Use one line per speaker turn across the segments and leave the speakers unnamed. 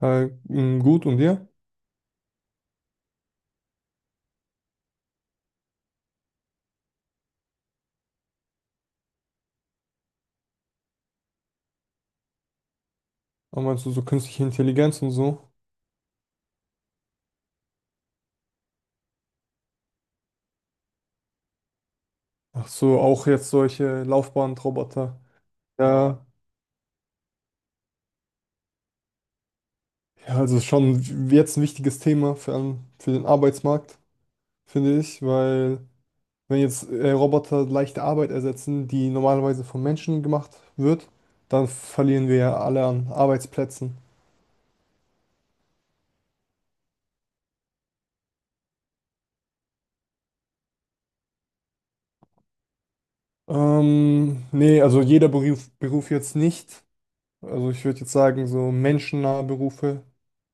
Gut, und dir? Aber meinst du so künstliche Intelligenz und so? Ach so, auch jetzt solche Laufbahnroboter. Ja, ja, also schon jetzt ein wichtiges Thema für den Arbeitsmarkt, finde ich, weil wenn jetzt Roboter leichte Arbeit ersetzen, die normalerweise von Menschen gemacht wird, dann verlieren wir ja alle an Arbeitsplätzen. Nee, also jeder Beruf jetzt nicht. Also ich würde jetzt sagen, so menschennahe Berufe,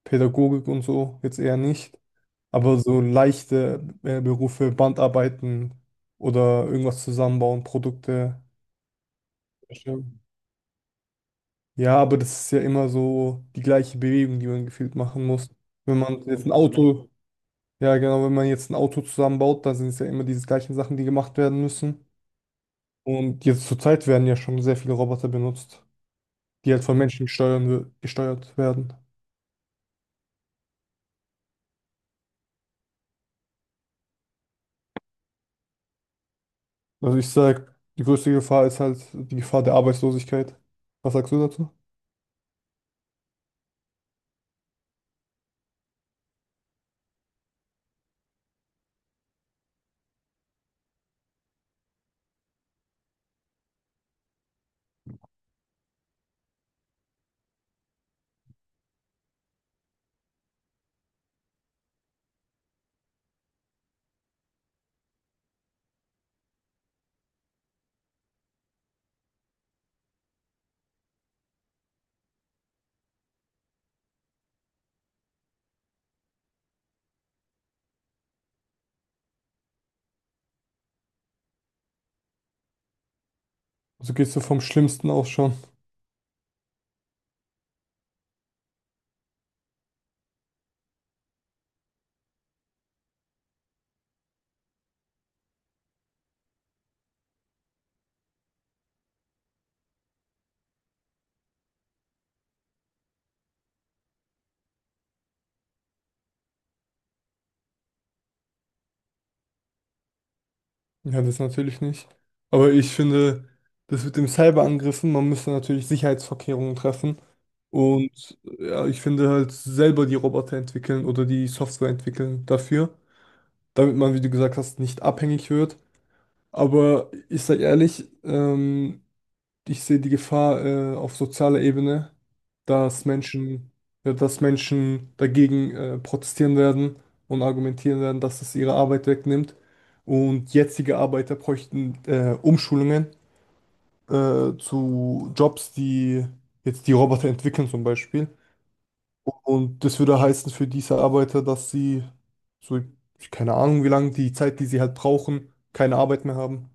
Pädagogik und so, jetzt eher nicht. Aber so leichte Berufe, Bandarbeiten oder irgendwas zusammenbauen, Produkte erstellen. Ja, aber das ist ja immer so die gleiche Bewegung, die man gefühlt machen muss. Wenn man jetzt ein Auto, Ja genau, wenn man jetzt ein Auto zusammenbaut, dann sind es ja immer diese gleichen Sachen, die gemacht werden müssen. Und jetzt zurzeit werden ja schon sehr viele Roboter benutzt, die halt von Menschen gesteuert werden. Also ich sag, die größte Gefahr ist halt die Gefahr der Arbeitslosigkeit. Was sagst du dazu? Also gehst du vom Schlimmsten aus schon? Ja, das natürlich nicht. Aber ich finde, das mit dem Cyberangriffen, man müsste natürlich Sicherheitsvorkehrungen treffen. Und ja, ich finde halt selber die Roboter entwickeln oder die Software entwickeln dafür, damit man, wie du gesagt hast, nicht abhängig wird. Aber ich sag ehrlich, ich sehe die Gefahr auf sozialer Ebene, dass Menschen, ja, dass Menschen dagegen protestieren werden und argumentieren werden, dass es ihre Arbeit wegnimmt. Und jetzige Arbeiter bräuchten Umschulungen zu Jobs, die jetzt die Roboter entwickeln zum Beispiel. Und das würde heißen für diese Arbeiter, dass sie so, keine Ahnung wie lange, die Zeit, die sie halt brauchen, keine Arbeit mehr haben.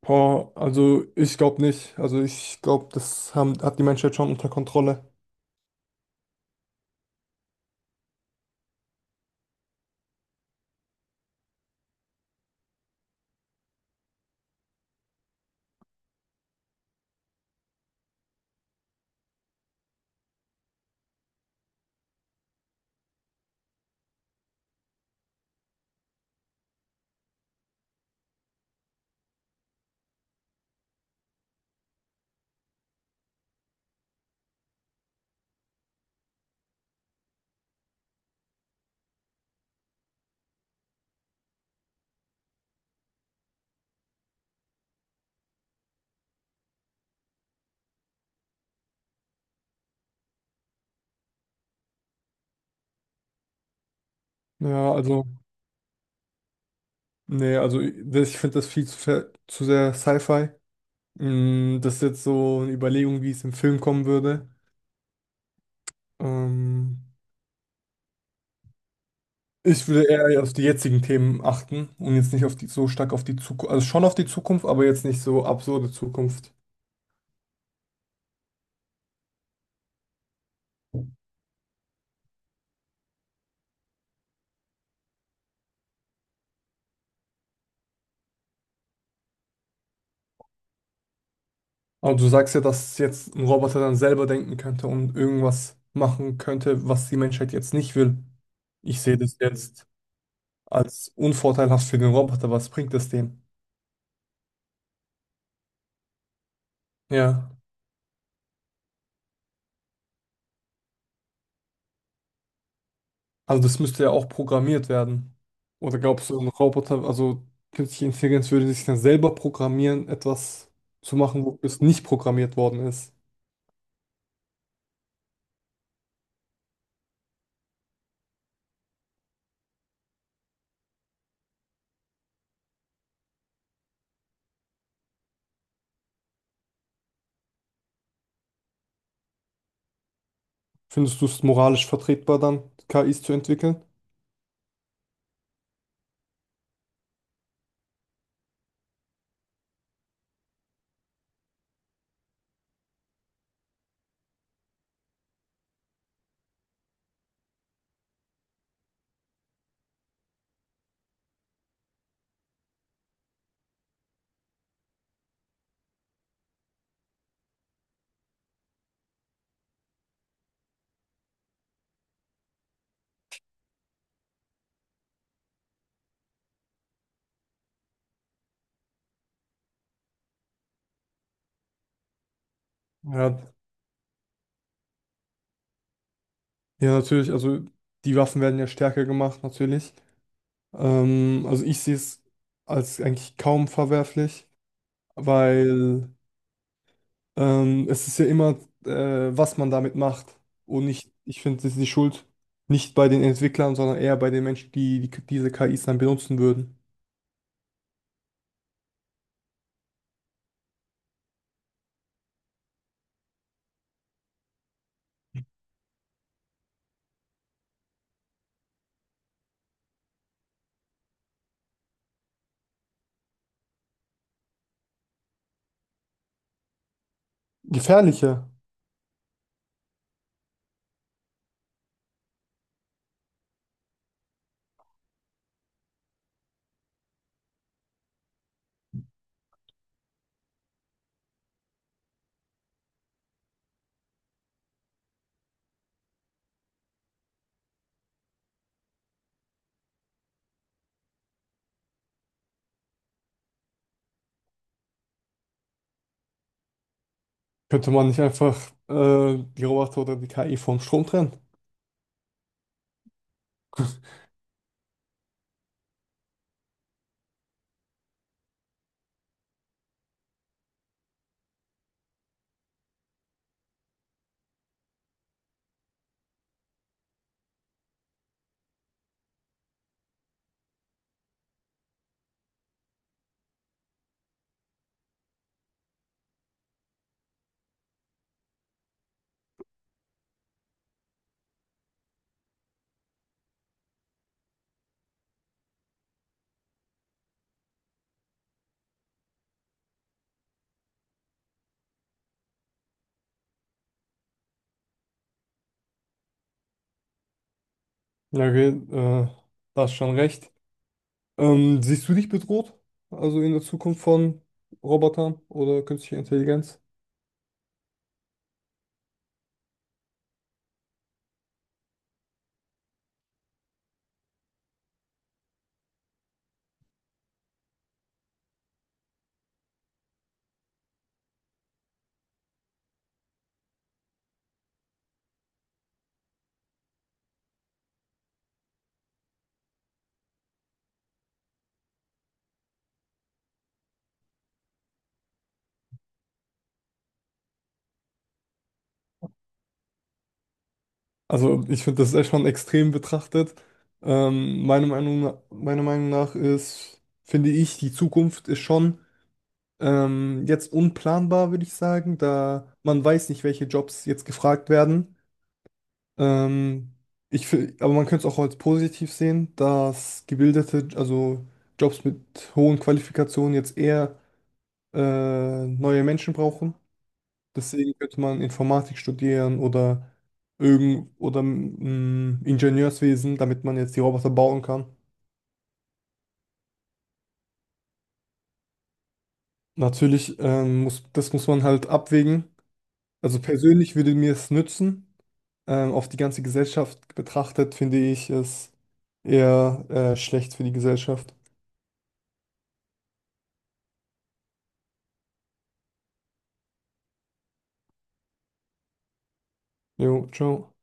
Boah, also ich glaube nicht. Also ich glaube, hat die Menschheit schon unter Kontrolle. Ja, also, nee, also ich finde das zu sehr Sci-Fi. Mm, das ist jetzt so eine Überlegung, wie es im Film kommen würde. Ähm, Ich würde eher auf die jetzigen Themen achten und jetzt nicht auf die, so stark auf die Zukunft, also schon auf die Zukunft, aber jetzt nicht so absurde Zukunft. Aber du sagst ja, dass jetzt ein Roboter dann selber denken könnte und irgendwas machen könnte, was die Menschheit jetzt nicht will. Ich sehe das jetzt als unvorteilhaft für den Roboter. Was bringt es dem? Ja, also das müsste ja auch programmiert werden. Oder glaubst du, ein Roboter, also künstliche Intelligenz würde sich dann selber programmieren, etwas zu machen, wo es nicht programmiert worden ist? Findest du es moralisch vertretbar dann, KIs zu entwickeln? Ja, ja, natürlich. Also die Waffen werden ja stärker gemacht, natürlich. Also ich sehe es als eigentlich kaum verwerflich, weil es ist ja immer, was man damit macht. Und nicht, ich finde, es ist die Schuld nicht bei den Entwicklern, sondern eher bei den Menschen, die diese KIs dann benutzen würden. Gefährlicher. Könnte man nicht einfach die Roboter oder die KI vom Strom trennen? Ja, okay, da hast schon recht. Siehst du dich bedroht? Also in der Zukunft von Robotern oder künstlicher Intelligenz? Also ich finde, das ist echt schon extrem betrachtet. Meiner Meinung nach finde ich, die Zukunft ist schon jetzt unplanbar, würde ich sagen, da man weiß nicht, welche Jobs jetzt gefragt werden. Ähm, aber man könnte es auch als positiv sehen, dass gebildete, also Jobs mit hohen Qualifikationen jetzt eher neue Menschen brauchen. Deswegen könnte man Informatik studieren oder Ingenieurswesen, damit man jetzt die Roboter bauen kann. Natürlich muss man halt abwägen. Also persönlich würde mir es nützen. Auf die ganze Gesellschaft betrachtet finde ich es eher schlecht für die Gesellschaft. Jo, ciao.